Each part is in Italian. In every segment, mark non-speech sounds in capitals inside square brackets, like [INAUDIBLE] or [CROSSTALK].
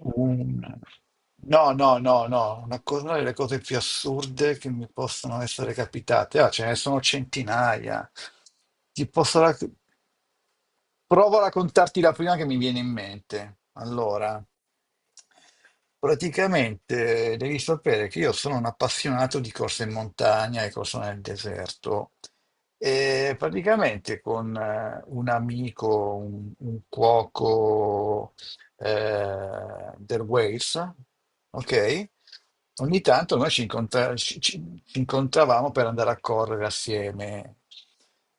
Un- No, no, no, no, una, una delle cose più assurde che mi possono essere capitate, ah, ce ne sono centinaia. Ti posso rac- Provo a raccontarti la prima che mi viene in mente. Allora. Praticamente devi sapere che io sono un appassionato di corse in montagna e corse nel deserto e praticamente con un amico, un cuoco del Wales, ok? Ogni tanto noi ci incontravamo per andare a correre assieme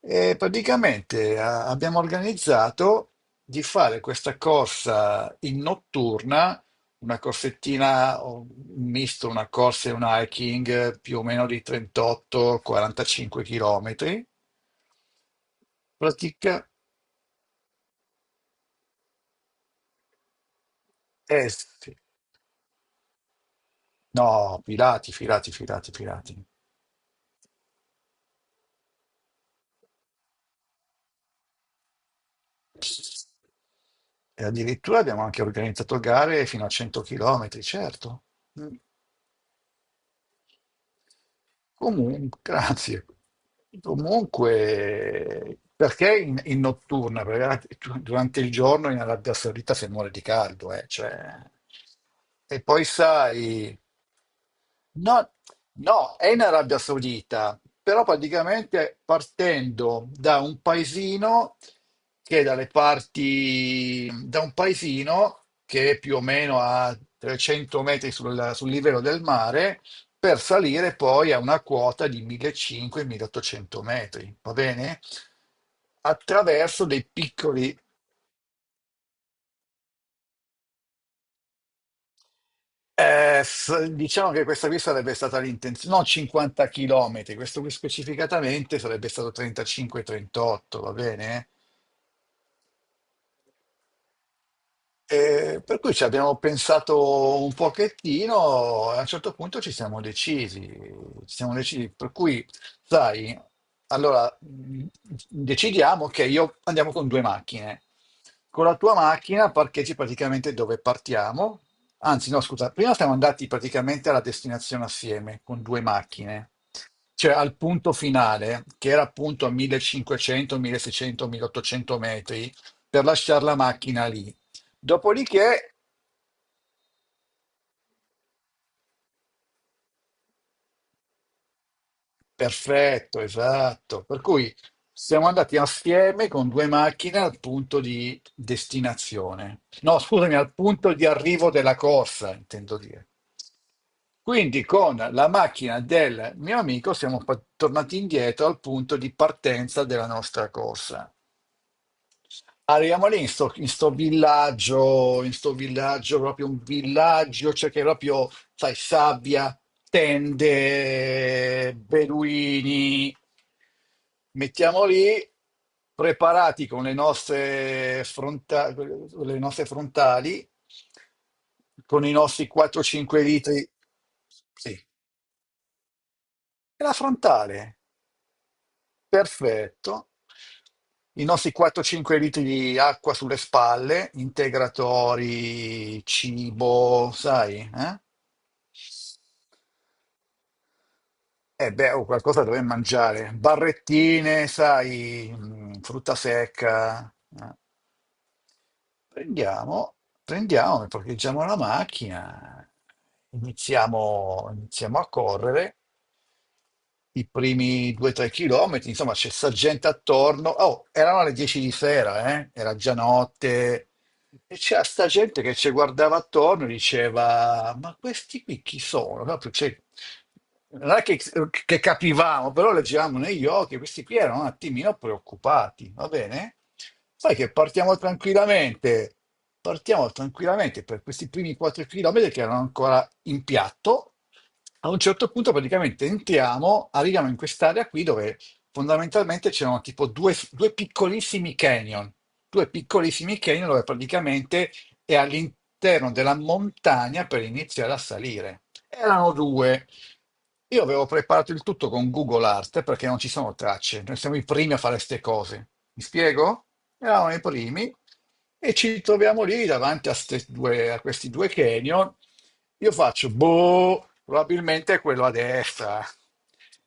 e praticamente abbiamo organizzato di fare questa corsa in notturna, una corsettina, o un misto, una corsa e un hiking più o meno di 38-45 km. Pratica est. No, filati, filati, filati, filati. E addirittura abbiamo anche organizzato gare fino a 100 km, certo. Mm. Comunque, grazie. Comunque, perché in notturna? Perché durante il giorno in Arabia Saudita si muore di caldo, cioè. E poi sai, no, no, è in Arabia Saudita, però praticamente partendo da un paesino che è dalle parti, da un paesino che è più o meno a 300 metri sul sul livello del mare, per salire poi a una quota di 1500-1800 metri, va bene? Attraverso dei piccoli, diciamo che questa qui sarebbe stata l'intenzione, non 50 km, questo qui specificatamente sarebbe stato 35-38, va bene? E per cui ci abbiamo pensato un pochettino e a un certo punto ci siamo decisi, per cui, sai, allora decidiamo che io andiamo con due macchine. Con la tua macchina parcheggi praticamente dove partiamo, anzi no, scusa, prima siamo andati praticamente alla destinazione assieme con due macchine, cioè al punto finale, che era appunto a 1500, 1600, 1800 metri per lasciare la macchina lì. Dopodiché, perfetto, esatto. Per cui siamo andati assieme con due macchine al punto di destinazione. No, scusami, al punto di arrivo della corsa, intendo dire. Quindi con la macchina del mio amico siamo tornati indietro al punto di partenza della nostra corsa. Arriviamo lì in sto villaggio, proprio un villaggio, cioè che proprio, sai, sabbia, tende, beduini. Mettiamo lì, preparati con le nostre, le nostre frontali, con i nostri 4-5 litri. Sì, è la frontale. Perfetto. I nostri 4-5 litri di acqua sulle spalle, integratori, cibo, sai? Eh? Eh beh, oh, qualcosa dovremmo mangiare. Barrettine, sai, frutta secca. eh. Prendiamo, prendiamo, e parcheggiamo la macchina, iniziamo, iniziamo a correre i primi 2-3 chilometri, insomma c'è sta gente attorno. Oh, erano le 10 di sera, eh? Era già notte, e c'era sta gente che ci guardava attorno e diceva: ma questi qui chi sono? Proprio, cioè, non è che capivamo, però leggevamo negli occhi, questi qui erano un attimino preoccupati, va bene? Sai che partiamo tranquillamente per questi primi 4 chilometri che erano ancora in piatto. A un certo punto praticamente entriamo, arriviamo in quest'area qui dove fondamentalmente c'erano tipo due piccolissimi canyon, due piccolissimi canyon dove praticamente è all'interno della montagna per iniziare a salire. Erano due. Io avevo preparato il tutto con Google Art perché non ci sono tracce, noi siamo i primi a fare queste cose. Mi spiego? Eravamo i primi e ci troviamo lì davanti a, a questi due canyon. Io faccio, boh, probabilmente è quello a destra.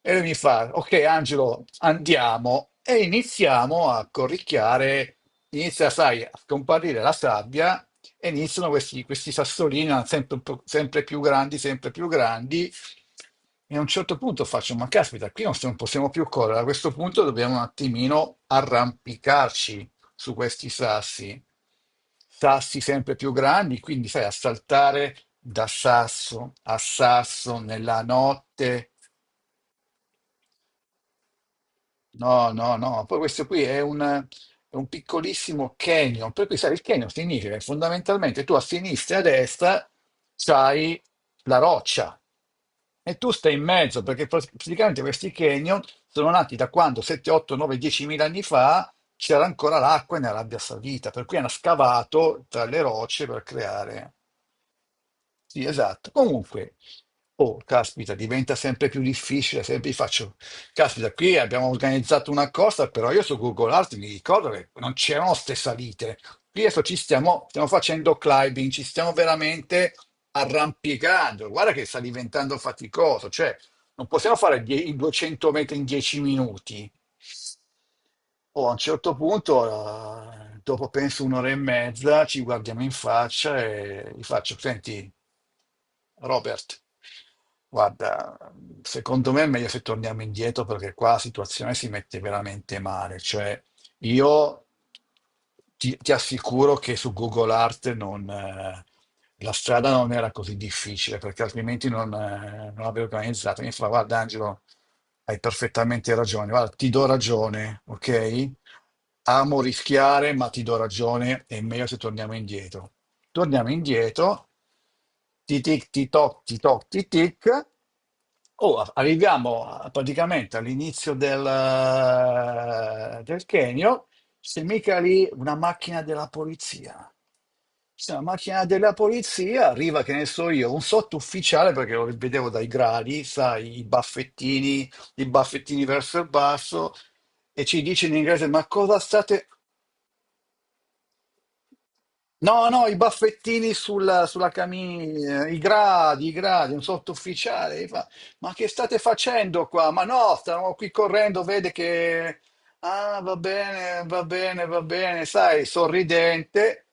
E lui mi fa, ok Angelo, andiamo. E iniziamo a corricchiare, inizia, sai, a scomparire la sabbia e iniziano questi sassolini sempre, un po', sempre più grandi, sempre più grandi. E a un certo punto faccio, ma caspita, qui non possiamo più correre, a questo punto dobbiamo un attimino arrampicarci su questi sassi. Sassi sempre più grandi, quindi sai, a saltare da sasso a sasso nella notte. No, no, no, poi questo qui è un piccolissimo canyon, per cui sai, il canyon significa che fondamentalmente tu a sinistra e a destra c'hai la roccia e tu stai in mezzo, perché praticamente questi canyon sono nati da quando 7, 8, 9, 10 mila anni fa c'era ancora l'acqua nell'Arabia Saudita, per cui hanno scavato tra le rocce per creare. Sì, esatto. Comunque, oh, caspita, diventa sempre più difficile, sempre faccio, caspita, qui abbiamo organizzato una cosa, però io su Google Earth mi ricordo che non c'erano ste salite. Qui adesso stiamo facendo climbing, ci stiamo veramente arrampicando. Guarda che sta diventando faticoso, cioè non possiamo fare i 200 metri in 10 minuti. Oh, a un certo punto, dopo penso un'ora e mezza, ci guardiamo in faccia e gli faccio, senti, Robert, guarda, secondo me è meglio se torniamo indietro perché qua la situazione si mette veramente male, cioè io ti assicuro che su Google Art non, la strada non era così difficile perché altrimenti non l'avrei organizzata. Mi fa, guarda Angelo, hai perfettamente ragione, guarda, ti do ragione, ok? Amo rischiare, ma ti do ragione, è meglio se torniamo indietro. Torniamo indietro, ti tic, ti toc, ti toc, ti tic. Oh, arriviamo praticamente all'inizio del Kenio, c'è mica lì una macchina della polizia. C'è una macchina della polizia, arriva, che ne so io, un sottufficiale, perché lo vedevo dai gradi, sai, i baffettini verso il basso, e ci dice in inglese, ma cosa state... No, no, i baffettini sulla camicia, i gradi, un sottufficiale. Gli fa, ma che state facendo qua? Ma no, stavamo qui correndo, vede che... Ah, va bene, va bene, va bene, sai, sorridente.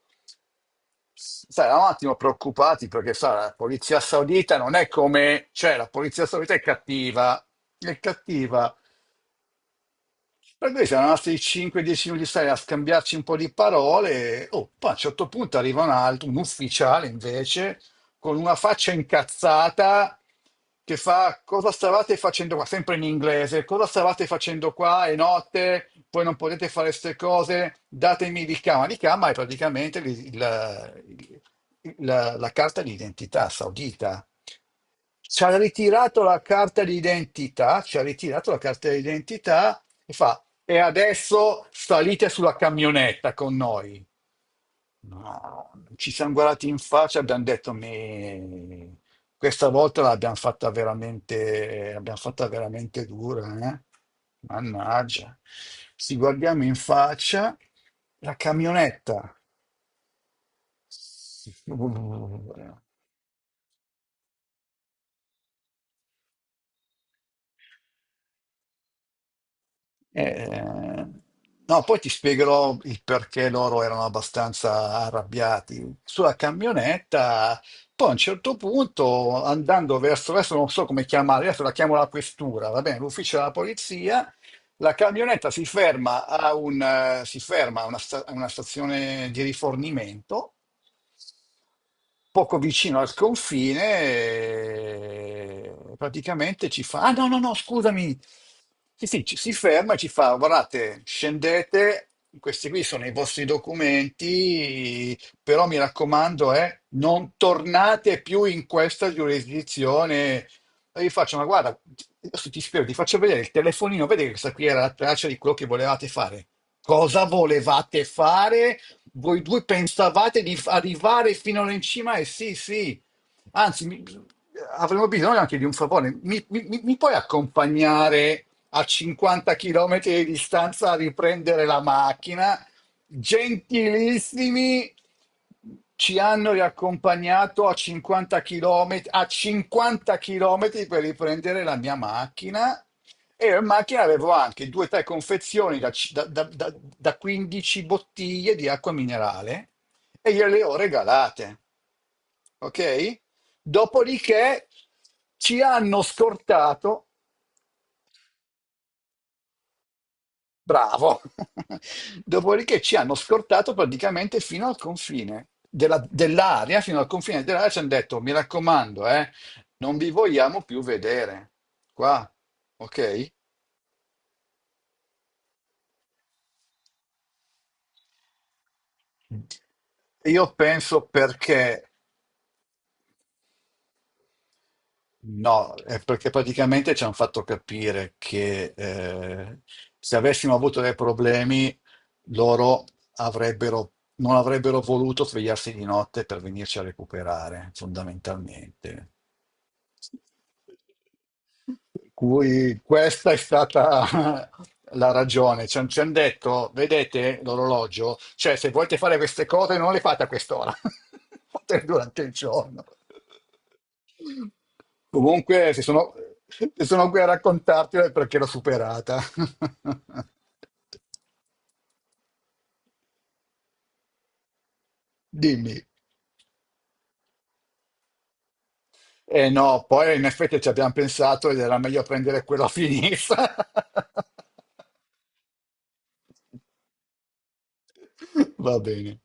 Sai, eravamo un attimo preoccupati perché, sa, la polizia saudita non è come... Cioè, la polizia saudita è cattiva, è cattiva. Per cui siamo rimasti 5-10 minuti stare a scambiarci un po' di parole. E, oh, poi a un certo punto arriva un altro, un ufficiale invece, con una faccia incazzata che fa: cosa stavate facendo qua? Sempre in inglese, cosa stavate facendo qua? È notte, poi non potete fare queste cose, datemi di cama. Di cama è praticamente la, la carta di identità saudita. Ci ha ritirato la carta di identità, ci ha ritirato la carta di identità. E fa: e adesso salite sulla camionetta con noi. No, ci siamo guardati in faccia e abbiamo detto, "Me, questa volta l'abbiamo fatta veramente dura, eh? Mannaggia. Ci guardiamo in faccia, la camionetta Eh, no, poi ti spiegherò il perché loro erano abbastanza arrabbiati. Sulla camionetta, poi a un certo punto, andando verso, adesso non so come chiamare, adesso la chiamo la questura, va bene, l'ufficio della polizia, la camionetta si ferma si ferma a una a una stazione di rifornimento poco vicino al confine, praticamente ci fa, ah no, no, no, scusami, sì, sì, si ferma e ci fa, guardate, scendete, questi qui sono i vostri documenti, però mi raccomando, non tornate più in questa giurisdizione. E io faccio, ma guarda, adesso ti spiego, ti faccio vedere il telefonino, vedi che questa qui era la traccia di quello che volevate fare. Cosa volevate fare? Voi due pensavate di arrivare fino all'incima e sì, sì, anzi, avremo bisogno anche di un favore. Mi puoi accompagnare a 50 km di distanza a riprendere la macchina? Gentilissimi, ci hanno riaccompagnato a 50 km, a 50 km per riprendere la mia macchina. E in macchina avevo anche due o tre confezioni da, c- da- da- da- da 15 bottiglie di acqua minerale e gliele ho regalate. Ok? Dopodiché ci hanno scortato, bravo, [LAUGHS] dopodiché ci hanno scortato praticamente fino al confine dell'area, fino al confine dell'area ci hanno detto, mi raccomando, non vi vogliamo più vedere qua, ok? Io penso perché no, è perché praticamente ci hanno fatto capire che se avessimo avuto dei problemi, loro avrebbero, non avrebbero voluto svegliarsi di notte per venirci a recuperare, fondamentalmente. Per cui questa è stata [LAUGHS] la ragione. Ci hanno detto, vedete l'orologio? Cioè, se volete fare queste cose, non le fate a quest'ora, [LAUGHS] fate durante il giorno. Comunque, se sono, se sono qui a raccontartelo è perché l'ho superata. [LAUGHS] Dimmi. Eh no, poi in effetti ci abbiamo pensato ed era meglio prendere quella finita. [LAUGHS] Va bene.